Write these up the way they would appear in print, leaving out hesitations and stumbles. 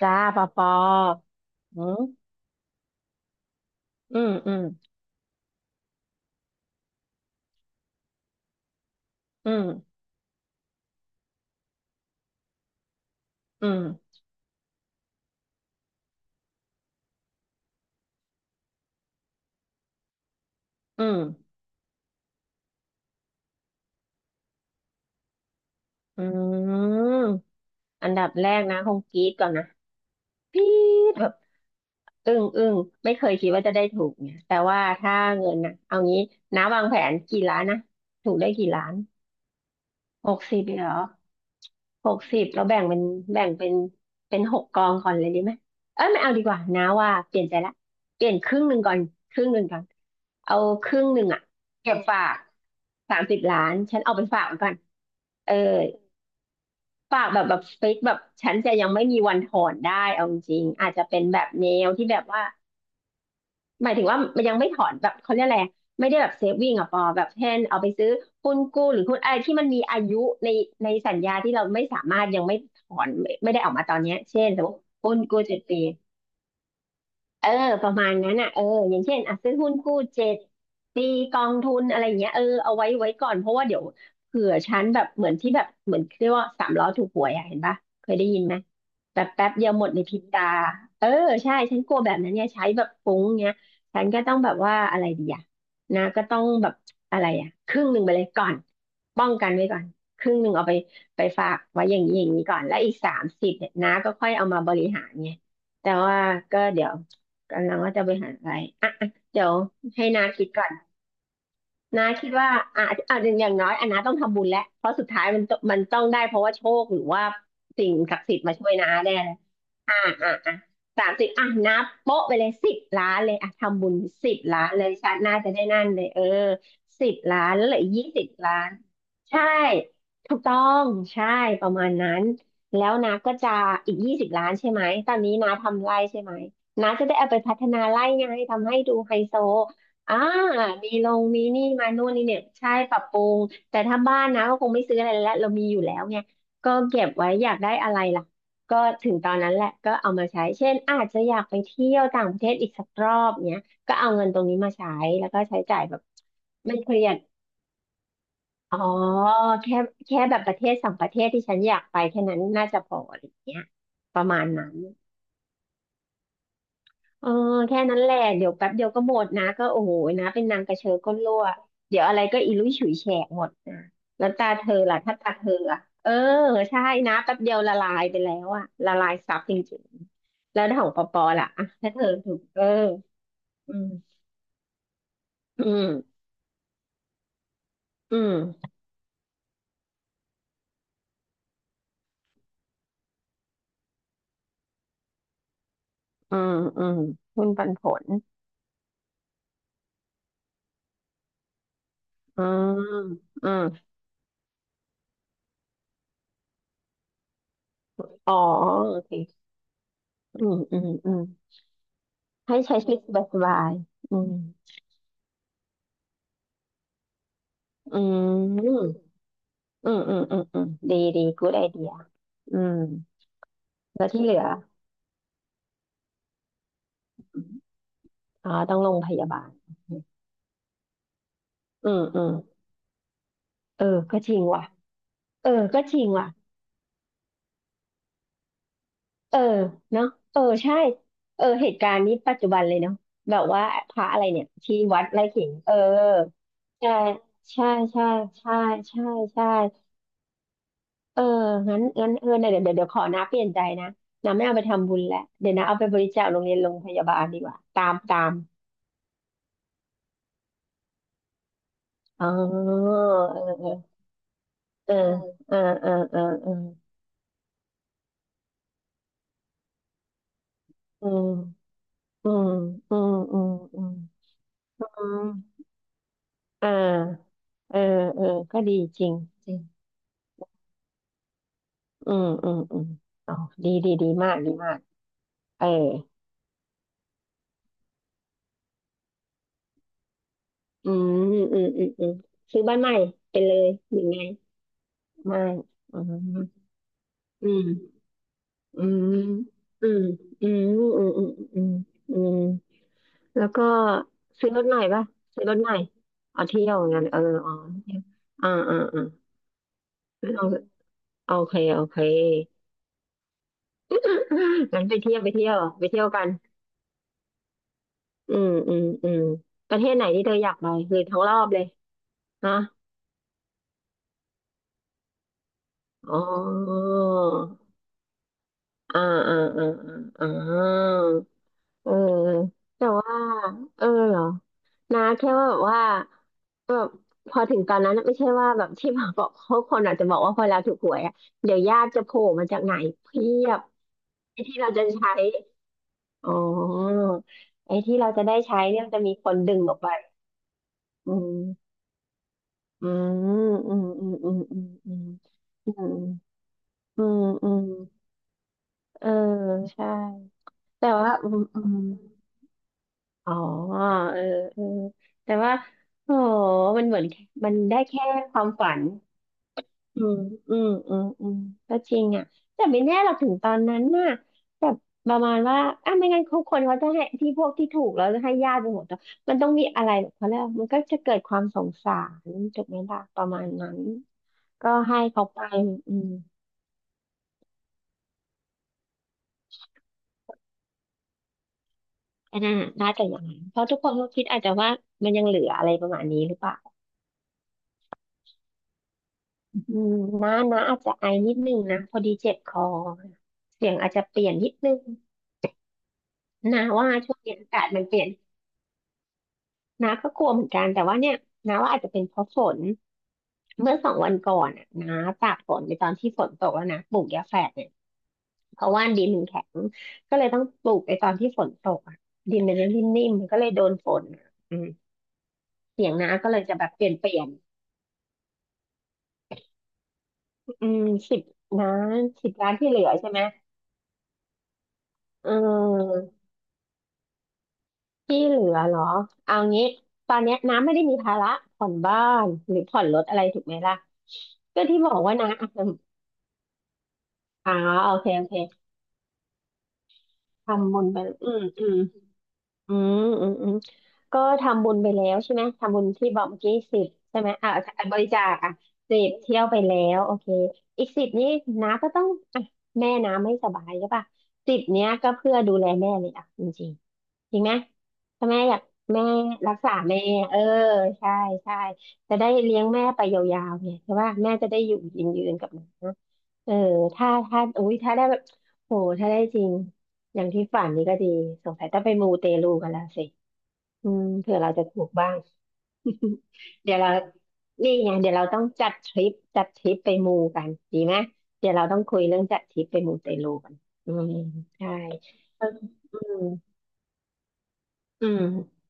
จ้าปอปออืมอืมอืมอืมอืมอืมอืมอันดับแรกนะ คงกรี๊ดก่อนนะกรี๊ดแบบอึ้งอึ้งไม่เคยคิดว่าจะได้ถูกเนี่ยแต่ว่าถ้าเงินนะเอางี้น้าวางแผนกี่ล้านนะ ถูกได้กี่ล้าน60เหรอ หกสิบเราแบ่งเป็นหกกองก่อนเลยดีไหมเอ้ยไม่เอาดีกว่านะว่าเปลี่ยนใจละเปลี่ยนครึ่งหนึ่งก่อนครึ่งหนึ่งก่อนเอาครึ่งหนึ่งอ่ะเก็บฝาก30 ล้านฉันเอาไปฝากไว้ก่อนเออฝากแบบฟิกแบบฉันจะยังไม่มีวันถอนได้เอาจริงๆอาจจะเป็นแบบแนวที่แบบว่า หมายถึงว่ามันยังไม่ถอนแบบเขาเรียกอะไรไม่ได้แบบเซฟวิ่งอะปอแบบเช่นเอาไปซื้อหุ้นกู้หรือหุ้นอะไรที่มันมีอายุในในสัญญาที่เราไม่สามารถยังไม่ถอนไม่ได้ออกมาตอนเนี้ยเช่นสมมติหุ้นกู้เจ็ดปี เออประมาณนั้นอ่ะเอออย่างเช่นอ่ะซื้อหุ้นกู้เจ็ดปีกองทุนอะไรอย่างเงี้ยเออเอาไว้ก่อนเพราะว่าเดี๋ยวเผื่อฉันแบบเหมือนที่แบบเหมือนเรียกว่าสามล้อถูกหวยอ่ะเห็นปะเคยได้ยินไหมแบบแป๊บเดียวหมดในพริบตาเออใช่ฉันกลัวแบบนั้นเนี่ยใช้แบบฟุ้งเงี้ยฉันก็ต้องแบบว่าอะไรดีอ่ะนะก็ต้องแบบอะไรอ่ะครึ่งหนึ่งไปเลยก่อนป้องกันไว้ก่อนครึ่งหนึ่งเอาไปฝากไว้อย่างนี้อย่างนี้ก่อนแล้วอีกสามสิบเนี่ยนะก็ค่อยเอามาบริหารไงแต่ว่าก็เดี๋ยว กำลังว่าจะไปหาอะไรอ่ะอ่ะเดี๋ยวให้นาคิดก่อนนาคิดว่าอ่ะอ่ะอย่างน้อยอ่ะนาต้องทำบุญแล้ว เพราะสุดท้ายมันต้องได้เพราะว่าโชคหรือว่าสิ่งศักดิ์สิทธิ์มาช่วยนาแน่ อ่าอ่าอ่าสามสิบอ่ะนับโป๊ะไปเลยสิบล้านเลยอ่ะทำบุญสิบล้านเลยชาติหน้าจะได้นั่นเลยเออสิบล้านแล้วเหลือยี่สิบล้านใช่ถูกต้องใช่ประมาณนั้นแล้วนะก็จะอีกยี่สิบล้านใช่ไหมตอนนี้นาทำไร่ใช่ไหมนาจะได้เอาไปพัฒนาไร่ไงทำให้ดูไฮโซอ่ามีลงมีนี่มานู่นนี่เนี่ยใช่ปรับปรุงแต่ถ้าบ้านนะก็คงไม่ซื้ออะไรแล้วเรามีอยู่แล้วไงก็เก็บไว้อยากได้อะไรล่ะ ก็ถึงตอนนั้นแหละก็เอามาใช้เช่นอาจจะอยากไปเที่ยวต่างประเทศอีกสักรอบเนี้ยก็เอาเงินตรงนี้มาใช้แล้วก็ใช้จ่ายแบบไม่เครียดอ๋อแค่แค่แบบประเทศสองประเทศที่ฉันอยากไปแค่นั้นน่าจะพออะไรอย่างเงี้ยประมาณนั้น เออแค่นั้นแหละเดี๋ยวแป๊บเดียวก็หมดนะก็โอ้โหนะเป็นนางกระเชอก้นรั่วเดี๋ยวอะไรก็อีลุยฉุยแฉกหมดนะแล้วตาเธอล่ะถ้าตาเธออ่ะเออใช่นะแป๊บเดียวละลายไปแล้วอะละลายซับจริงๆแล้วของปอปอล่ะอ่ะถ้าเธอถูกเอออืมอืมอืมอืมอืมหุ้นปันผลอืมอืมอ๋อโอเคอืมอืมอืมให้ใช้ชีวิตสบายๆอืมอืม อืมอืมอืมอืมดีดีกูดไอเดียอืมแล้วที่เหลืออ๋อต้องลงพยาบาลอืมอืมเออก็จริงว่ะเออก็จริงว่ะเออเนาะเออใช่เออเหตุการณ์นี้ปัจจุบันเลยเนาะแบบว่าพระอะไรเนี่ยที่วัดไร่ขิงเออใช่ใช่ใช่ใช่ใช่ใช่เอองั้นงั้นเออเดี๋ยวเดี๋ยวเดี๋ยวขอนะเปลี่ยนใจนะนะไม่เอาไปทำบุญแล้วเดี๋ยวนะเอาไปบริจาคโรงเรียนโรงพยาบาลดีกว่าตามอ๋อเออเออ เออเออเออเออเอออืมอืมอืมอืมอืมอืมอ่าเออเออก็ดีจริงจริงอืมอืมอืมอ๋อดีดีดีมากดีมากเอออืมอืมอืมอืมซื้อบ้านใหม่ไปเลยหรือไงไม่อืมอืมอืมอืมอืมอืมอืมอืมอืมแล้วก็ซื้อรถใหม่ป่ะ ซื้อรถใหม่เอาเที่ยวงั้นเอออ๋อเที่ยวอ่าอ่าอ่า โอเคโอเค งั้นไปเที่ยวไปเที่ยวไปเที่ยวกันอืมอืมอืมประเทศไหนที่เธออยากไปคือทั้งรอบเลยฮะอ๋ออ่าอ่าอ่าอ่าอ่าเออแต่ว่าเออเหรอนะแค่ว่าแบบว่าแบบพอถึงตอนนั้นน่ะไม่ใช่ว่าแบบที่มาบอกเขาคนอาจจะบอกว่าพอเราถูกหวยอ่ะเดี๋ยวญาติจะโผล่มาจากไหนเพียบไอ้ที่เราจะใช้อ๋อไอ้ที่เราจะได้ใช้เนี่ยมันจะมีคนดึงออกไป อืมอืมอืมอืมอืมอืมอืมอืมอืมอืมเออใช่ แต่ว่าอืมอืมอ๋อเออเออแต่ว่าโอ้มันเหมือน มันได้แค่ความฝัน อืมอืมอืมอืมก็จริงอ่ะแต่ไม่แน่เราถึงตอนนั้นน่ะแบบประมาณว่าอ่ะไม่งั้นทุกคนเขาจะให้ที่พวกที่ถูกแล้วจะให้ญาติไปหมดแล้วมันต้องมีอะไรแบบเขาเรียกว่ามันก็จะเกิดความสงสารถูกไหมล่ะประมาณนั้น ก็ให้เขาไปอืมอันนั้นน่ะน่าจะอย่างนั้นเพราะทุกคนก็คิดอาจจะว่ามันยังเหลืออะไรประมาณนี้หรือเปล่าอืมน้านะอาจจะไอนิดนึงนะพอดีเจ็บคอเสียงอาจจะเปลี่ยนนิดนึงนะว่าช่วงนี้อากาศมันเปลี่ยน น้าก็กลัวเหมือนกันแต่ว่าเนี่ยน้าว่าอาจจะเป็นเพราะฝนเมื่อ2 วันก่อนอ่ะน้าตากฝนในตอนที่ฝนตกแล้วนะปลูกยาแฝดเนี่ยเพราะว่าดินมันแข็งก็เลยต้องปลูกในตอนที่ฝนตกอ่ะดินมันจะนิ่มๆมันก็เลยโดนฝนอะอืมเสียงน้าก็เลยจะแบบเปลี่ยนเปลี่ยนอืมสิบน้าสิบล้านที่เหลือใช่ไหมเออที่เหลือเหรอเอางี้ตอนเนี้ยน้าไม่ได้มีภาระผ่อนบ้านหรือผ่อนรถอะไรถูกไหมล่ะก็ที่บอกว่าน้าอ่ะอ่าโอเคโอเค ทำบุญไปอืมอืมอืมอืมอืมก็ทำบุญไปแล้วใช่ไหมทำบุญที่บอกเมื่อกี้สิบใช่ไหมอ่าบริจาคอ่ะสิบเที่ยวไปแล้วโอเคอีกสิบนี้น้าก็ต้องอ่ะแม่น้าไม่สบายใช่ป่ะสิบเนี้ยก็เพื่อดูแลแม่เลยอ่ะจริงๆจริงไหมถ้าแม่อยากแม่รักษาแม่เออใช่ใช่จะได้เลี้ยงแม่ไปยาวๆเนี่ยใช่ป่ะแม่จะได้อยู่ยืนๆกับน้าเออถ้าถ้าอุ้ยถ้าได้แบบโหถ้าได้จริง อย่างที่ฝันนี่ก็ดีสงสัยต้องไปมูเตลูกันแล้วสิอืมเผื่อเราจะถูกบ้างเดี๋ยวเรานี่ไงเดี๋ยวเราต้องจัดทริปจัดทริปไปมูกันดีไหมเดี๋ยวเราต้องคุยเรื่องจัดทริปไปมูเตลูกันอืมใช่เอออืม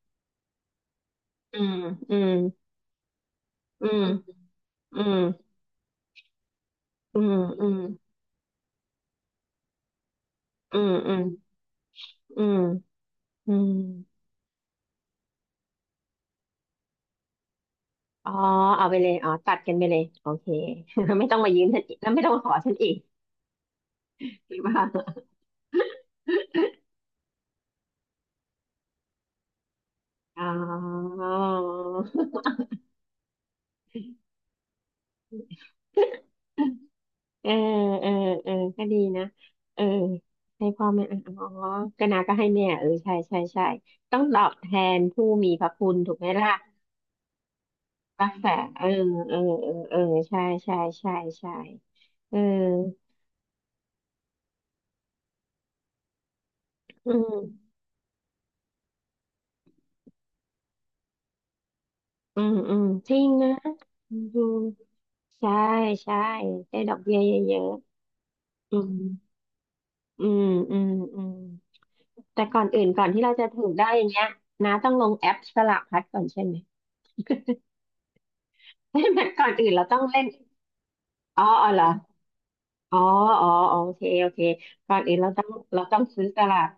อืมอืมอืมอืมอืมอืมอืมอืมอืมอืมอืมอ๋อเอาไปเลยอ๋อตัดกันไปเลยโอเค ไม่ต้องมายืมฉันอีกแล้วไม่ต้องมาขอฉันอีกหรือเปล่า อ๋อเออเออเออก็ดีนะเออให้พ่อแม่อ่ะอ๋อก็นาก็ให้แม่เออใช่ใช่ใช่ต้องตอบแทนผู้มีพระคุณถูกไหมล่ะรักษาเออเออเออเออใช่ใช่ใช่ใช่เอออืมอืมอืมจริงนะอืมใช่ใช่ได้ดอกเบี้ยเยอะๆอืมอืมอืมอืม แต่ก่อนอื่นก่อนที่เราจะถูกได้อย่างเงี้ยนะต้องลงแอปสลากพลัดก่อนใช่ไหม ก่อนอื่นเราต้องเล่นอ๋ออ๋อเหรออ๋ออ๋ออ๋อโอเคโอเคก่อนอื่นเราต้องซื้อสลาก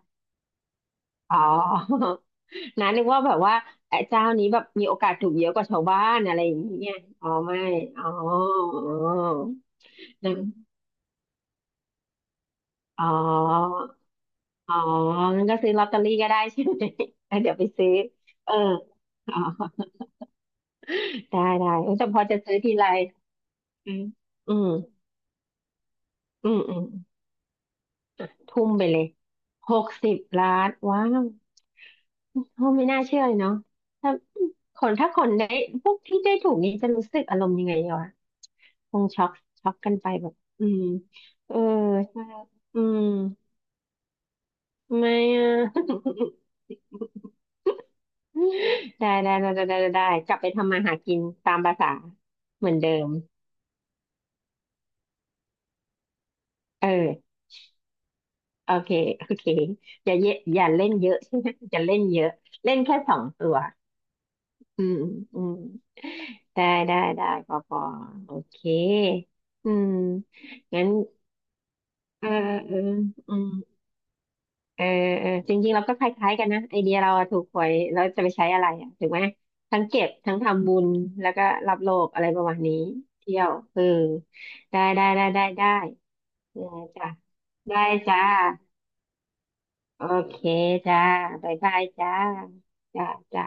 อ๋อ นะนึกว่าแบบว่าไอ้เจ้านี้แบบมีโอกาสถูกเยอะกว่าชาวบ้านอะไรอย่างเงี้ยอ๋อไม่อ๋ออ๋อนั่อ๋ออ๋องั้นก็ซื้อลอตเตอรี่ก็ได้ใช่ไหม เดี๋ยวไปซื้อเอออ๋อได้ได้เออแต่พอจะซื้อทีไร อืมอืมอืมอืมทุ่มไปเลย60 ล้านว้าวโอ้ไม่น่าเชื่อเลยเนาะถ้าคนถ้าคนได้พวกที่ได้ถูกนี้จะรู้สึกอารมณ์ยังไงวะคงช็อกช็อกกันไปแบบอืมเออใช่อืมไม่อะ ได้ได้ได้ได้ได้ได้กลับไปทำมาหากินตามภาษาเหมือนเดิมเออโอเคโอเคอย่าเยอะอย่าเล่นเยอะ ใช่ไหมอย่าเล่นเยอะเล่นแค่2 ตัว อืมอืมได้ได้ได้ปอปอโอเคอืมงั้นเออเอออืมเออเออจริงๆเราก็คล้ายๆกันนะไอเดียเราอะถูกหวยเราจะไปใช้อะไรอ่ะถูกไหมทั้งเก็บทั้งทำบุญแล้วก็รับโลกอะไรประมาณนี้เที่ยวเออได้ได้ได้ได้ได้เออจ้ะได้จ้าโอเคจ้าบายบายจ้าจ้าจ้า